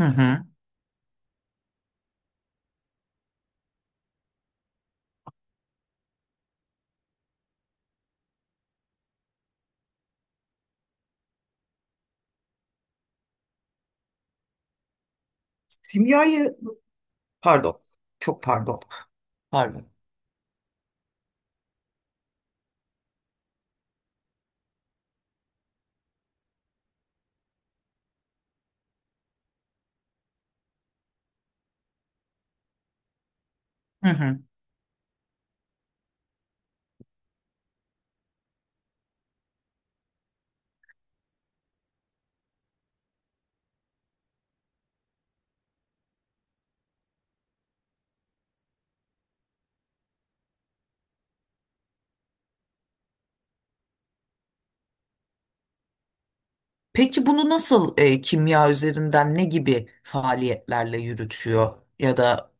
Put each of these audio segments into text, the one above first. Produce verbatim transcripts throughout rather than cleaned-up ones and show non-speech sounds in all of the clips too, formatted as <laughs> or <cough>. Hı hı. Kimyayı, pardon, çok pardon, pardon. Hı hı. Peki bunu nasıl e, kimya üzerinden ne gibi faaliyetlerle yürütüyor ya da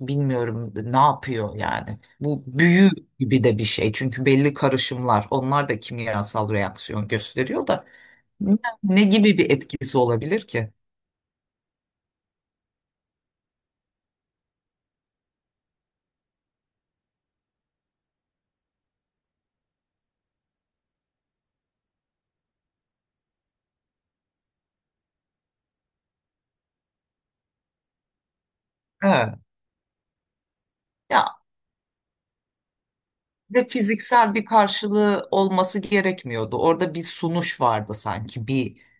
bilmiyorum ne yapıyor yani? Bu büyü gibi de bir şey çünkü belli karışımlar onlar da kimyasal reaksiyon gösteriyor da ne, ne gibi bir etkisi olabilir ki? Ha. Ya ve fiziksel bir karşılığı olması gerekmiyordu. Orada bir sunuş vardı sanki bir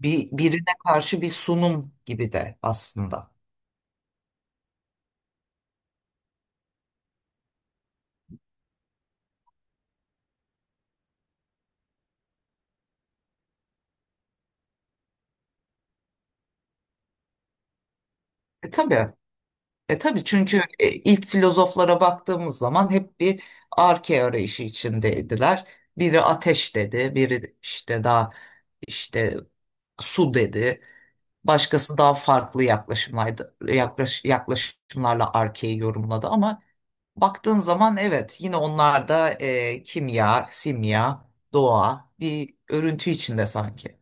Bir, birine karşı bir sunum gibi de aslında. E, tabii. E tabii çünkü e, ilk filozoflara baktığımız zaman hep bir arke arayışı içindeydiler. Biri ateş dedi, biri işte daha işte su dedi. Başkası daha farklı yaklaşımlardı, yaklaş, yaklaşımlarla arkeyi yorumladı ama baktığın zaman evet yine onlar da e, kimya, simya, doğa bir örüntü içinde sanki.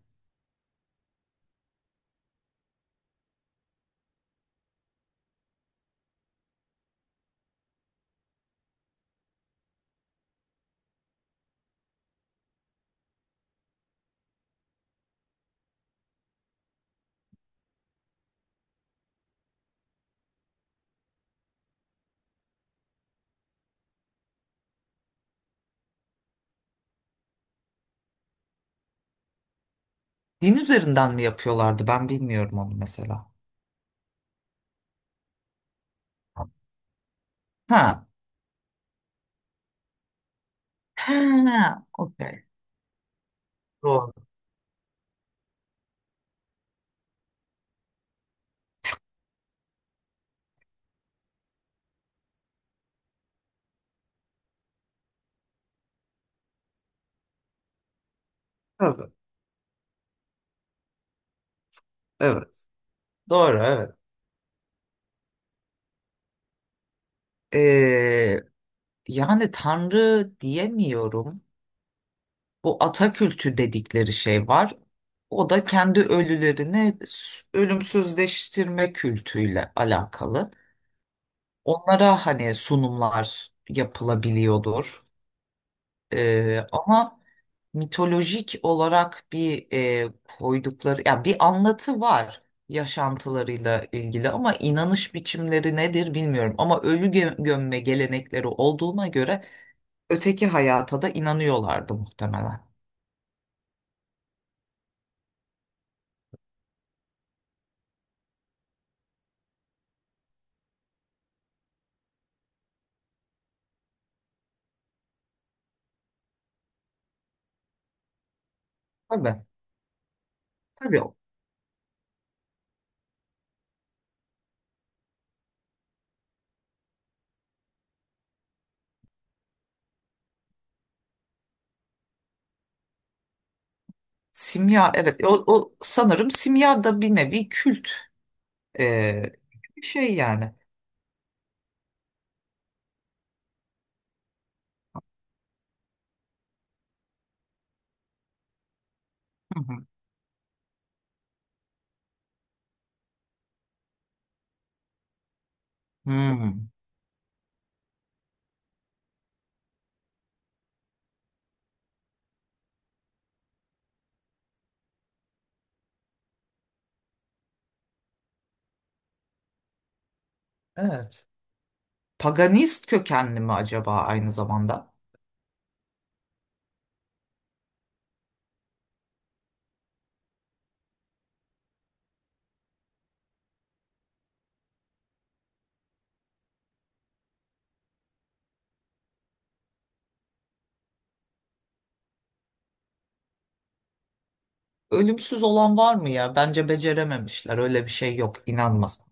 Din üzerinden mi yapıyorlardı ben bilmiyorum onu mesela. Ha. Ha, okey. Tabii, evet. Doğru, evet. Ee, yani tanrı diyemiyorum. Bu Atakültü dedikleri şey var. O da kendi ölülerini s- ölümsüzleştirme kültüyle alakalı. Onlara hani sunumlar yapılabiliyordur. Ee, ama mitolojik olarak bir e, koydukları ya bir anlatı var yaşantılarıyla ilgili ama inanış biçimleri nedir bilmiyorum ama ölü gö- gömme gelenekleri olduğuna göre öteki hayata da inanıyorlardı muhtemelen. Tabii. Tabii o. Simya evet o, o sanırım simya da bir nevi kült. Ee, bir şey yani. Hı hı. Hmm. Evet. Paganist kökenli mi acaba aynı zamanda? Ölümsüz olan var mı ya? Bence becerememişler. Öyle bir şey yok. İnanmasak.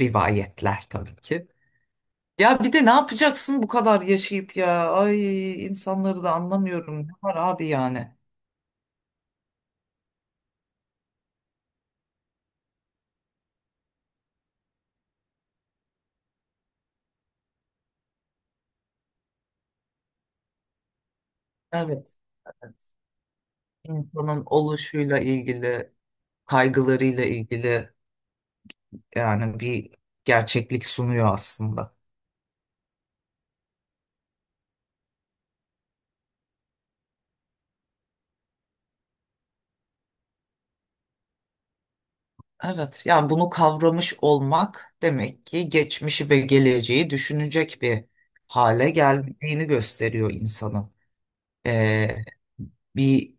Rivayetler tabii ki. Ya bir de ne yapacaksın bu kadar yaşayıp ya? Ay insanları da anlamıyorum. Ne var abi yani? Evet. insanın oluşuyla ilgili, kaygılarıyla ilgili yani bir gerçeklik sunuyor aslında. Evet, yani bunu kavramış olmak demek ki geçmişi ve geleceği düşünecek bir hale geldiğini gösteriyor insanın. Ee, bir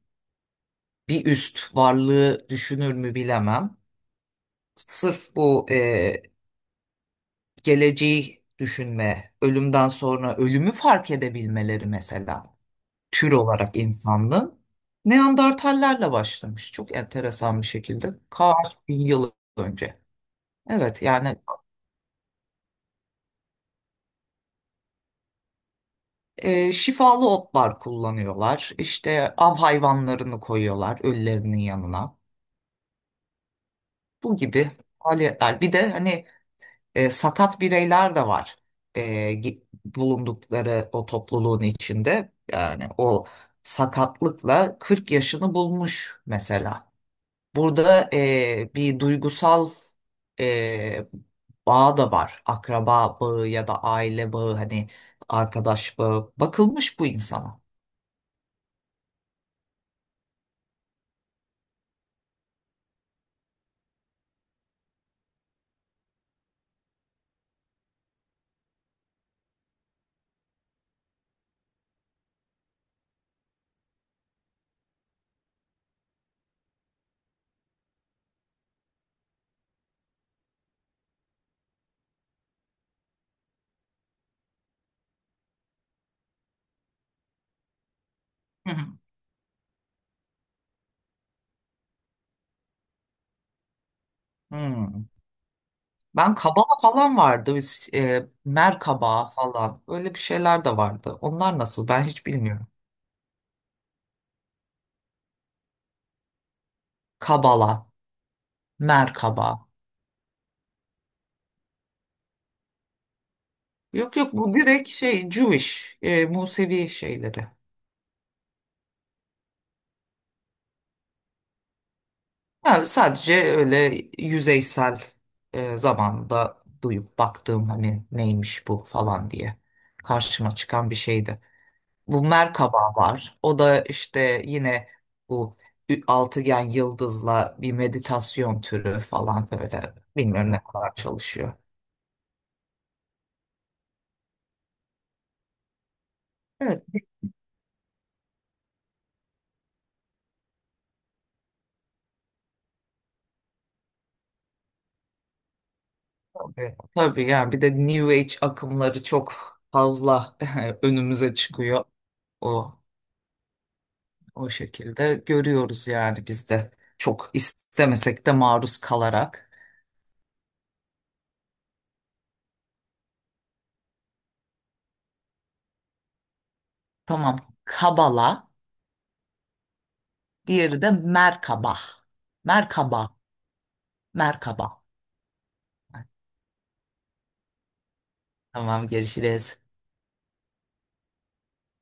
bir üst varlığı düşünür mü bilemem. Sırf bu e, geleceği düşünme, ölümden sonra ölümü fark edebilmeleri mesela. Tür olarak insanlığın Neandertallerle başlamış. Çok enteresan bir şekilde. Kaç bin yıl önce. Evet yani e, şifalı otlar kullanıyorlar. İşte av hayvanlarını koyuyorlar ölülerinin yanına. Bu gibi faaliyetler. Bir de hani e, sakat bireyler de var. E, gi- bulundukları o topluluğun içinde. Yani o sakatlıkla kırk yaşını bulmuş mesela. Burada eee, bir duygusal eee bağ da var. Akraba bağı ya da aile bağı hani arkadaş bağı. Bakılmış bu insana. Hı hı. Hmm. Ben kaba falan vardı. Biz, eee, mer kabağı falan. Öyle bir şeyler de vardı. Onlar nasıl? Ben hiç bilmiyorum. Kabala, mer kabağı. Yok yok bu direkt şey Jewish, eee, Musevi şeyleri. Yani sadece öyle yüzeysel e, zamanda duyup baktığım hani neymiş bu falan diye karşıma çıkan bir şeydi. Bu Merkaba var. O da işte yine bu ü- altıgen yıldızla bir meditasyon türü falan böyle. Bilmiyorum ne kadar çalışıyor. Evet tabii. Tabii yani bir de New Age akımları çok fazla <laughs> önümüze çıkıyor. O O şekilde görüyoruz yani biz de çok istemesek de maruz kalarak. Tamam, kabala, diğeri de merkaba. Merkaba, merkaba. Tamam, görüşürüz.